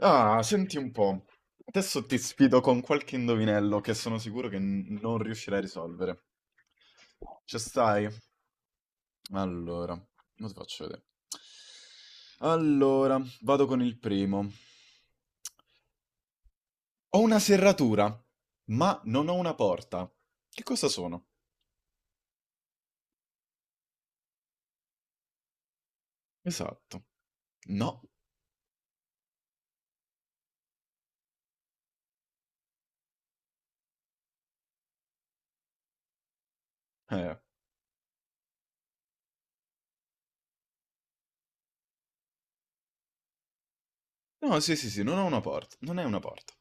Ah, senti un po'. Adesso ti sfido con qualche indovinello che sono sicuro che non riuscirai a risolvere. Ci stai? Allora, lo ti faccio vedere. Allora, vado con il primo. Ho una serratura, ma non ho una porta. Che cosa sono? Esatto. No. Eh. No, sì, sì, sì, non ho una porta. Non è una porta.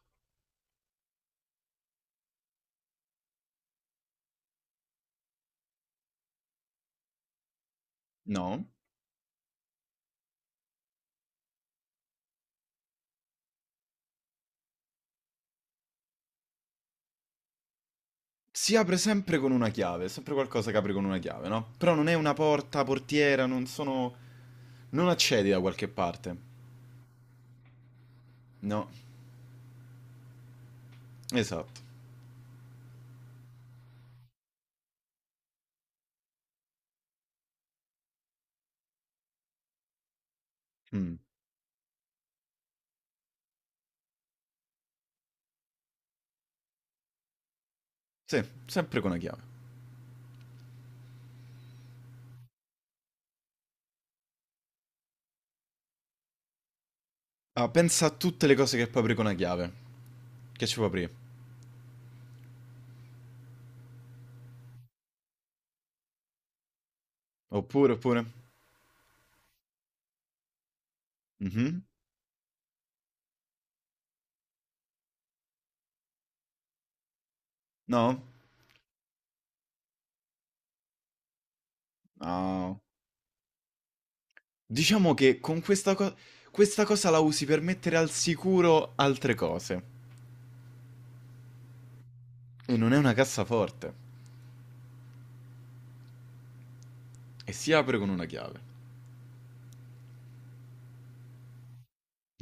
No. Si apre sempre con una chiave, è sempre qualcosa che apre con una chiave, no? Però non è una porta, portiera, non sono... Non accedi da qualche parte. No, esatto. Mm. Sì, sempre con una chiave. Ah, pensa a tutte le cose che puoi aprire con una chiave. Che ci puoi aprire? Oppure, oppure... Mhm. No? No. Diciamo che con questa cosa... Questa cosa la usi per mettere al sicuro altre cose. E non è una cassaforte. E si apre con una chiave.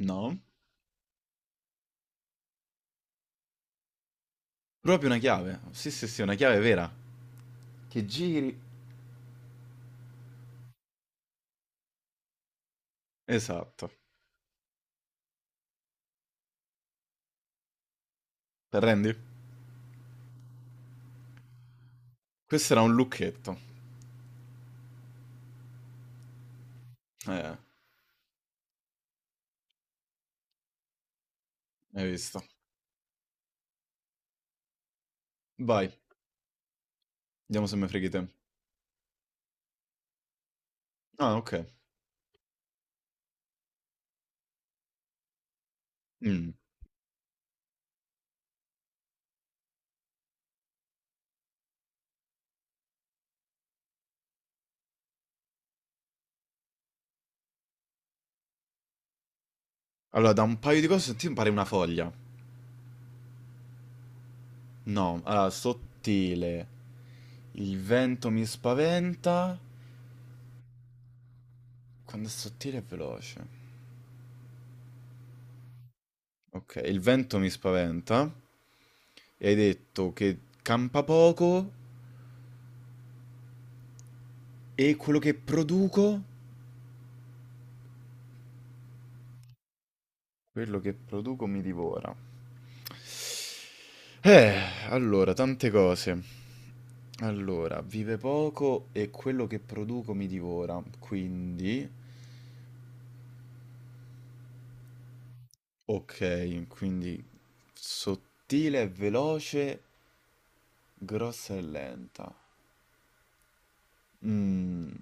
No? Proprio una chiave. Sì, sì, sì, una chiave vera. Che giri. Esatto. Te rendi? Questo era un lucchetto. Eh, hai visto. Vai, vediamo se mi freghi te. Ah, ok. Mm. Allora, da un paio di cose ti pare una foglia. No, allora, sottile. Il vento mi spaventa. Quando è sottile è veloce. Ok, il vento mi spaventa. E hai detto che campa poco e quello che produco... Quello che produco mi divora. Eh, allora, tante cose. Allora, vive poco e quello che produco mi divora. Quindi, ok, quindi sottile e veloce, grossa e lenta. Mm,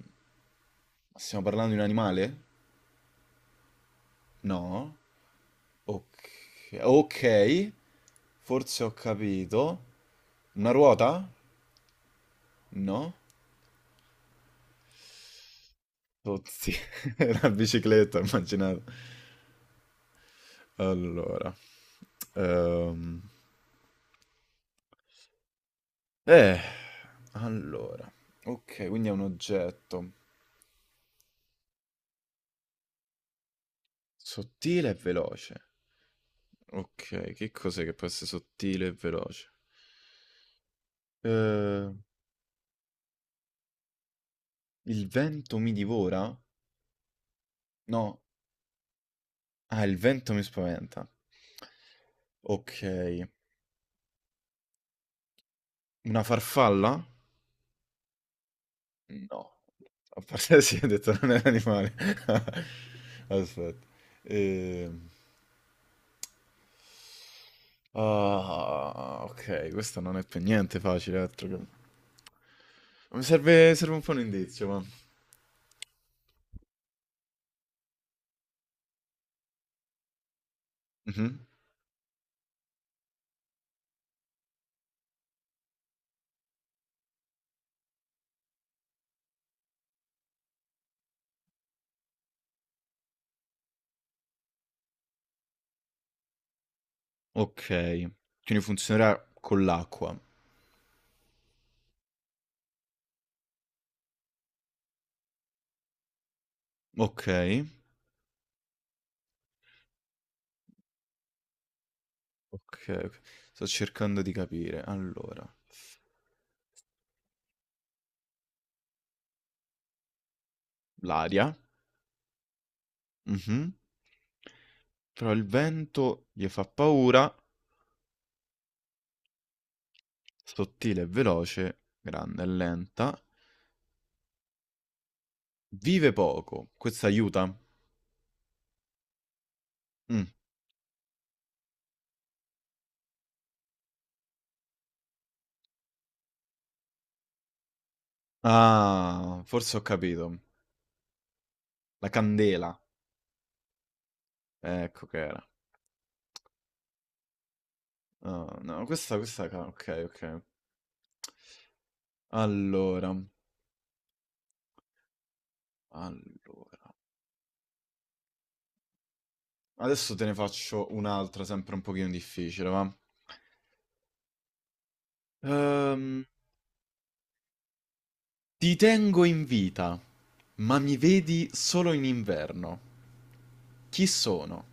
stiamo parlando di un animale? No? Ok, ok, forse ho capito. Una ruota? No? Oh, sì, una bicicletta, ho immaginato. Allora, ehm, eh, allora, ok, quindi è un oggetto sottile e veloce. Ok, che cos'è che può essere sottile e veloce? Eh, il vento mi divora? No, ah, il vento mi spaventa. Ok, una farfalla? No, a parte sì, ho detto non è un animale. Aspetta. Ehm, Ah, ok, questo non è per niente facile. Mi serve, serve un po' un indizio, ma... Mhm. Ok, quindi funzionerà con l'acqua. Ok, ok, ok. Sto cercando di capire. Allora, l'aria. Mhm. Però il vento gli fa paura. Sottile e veloce, grande e lenta. Vive poco, questo aiuta. Mm. Ah, forse ho capito. La candela, ecco che era. Ah, no, questa, ok, ok. Allora, allora. Adesso te ne faccio un'altra, sempre un pochino difficile, va? Ehm, ti tengo in vita, ma mi vedi solo in inverno. Chi sono?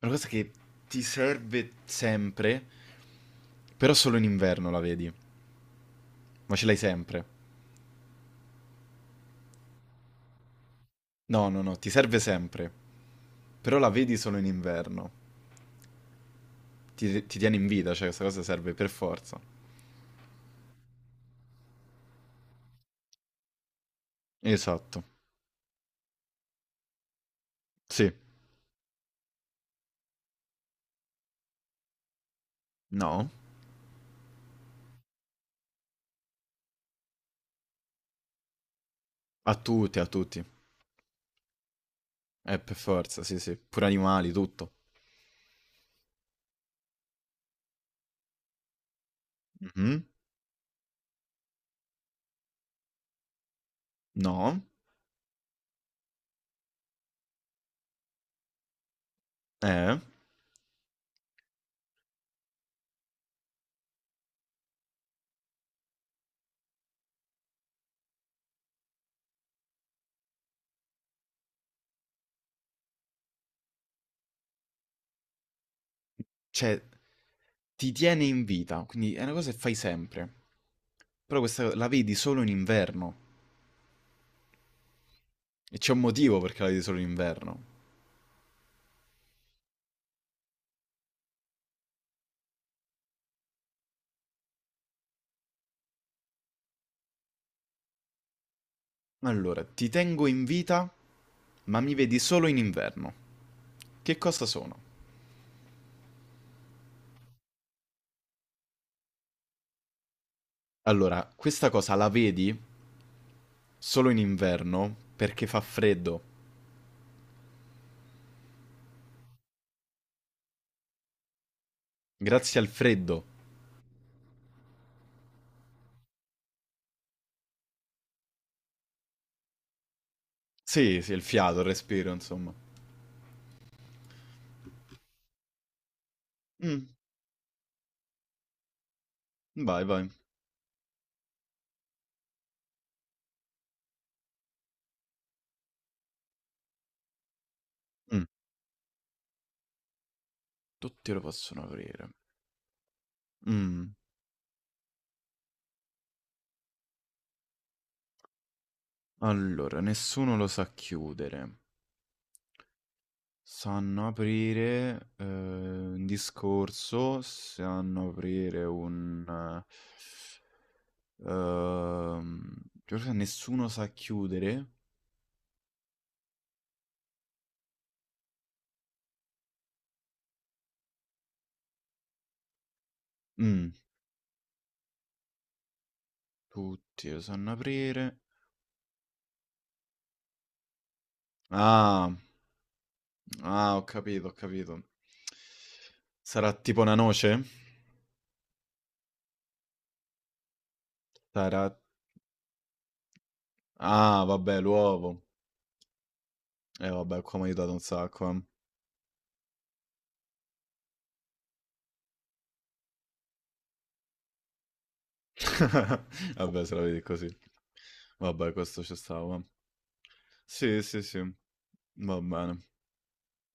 È una cosa che ti serve sempre. Però solo in inverno la vedi. Ma ce l'hai sempre. No, no, no, ti serve sempre. Però la vedi solo in inverno. Ti tiene in vita, cioè questa cosa serve per forza. Esatto. Sì. No. A tutti, a tutti. Per forza, sì, sì. Pure animali, tutto. Mhm. No. Eh. Cioè, ti tiene in vita. Quindi è una cosa che fai sempre. Però questa la vedi solo in inverno. E c'è un motivo perché la vedi solo in inverno. Allora, ti tengo in vita, ma mi vedi solo in inverno. Che cosa sono? Allora, questa cosa la vedi solo in inverno perché fa freddo. Grazie al freddo. Sì, sì, il fiato, il respiro, insomma. Mm, vai, vai. Mm, tutti lo possono aprire. Mm, allora, nessuno lo sa chiudere. Sanno aprire un discorso, sanno aprire un... Giorgia, nessuno sa chiudere. Mm, tutti lo sanno aprire. Ah, ah, ho capito, ho capito. Sarà tipo una noce? Sarà... Ah, vabbè, l'uovo. Vabbè, qua mi ha aiutato un sacco, eh. Vabbè, se la vedi così. Vabbè, questo ci stava. Sì, sì, sì. Va bene.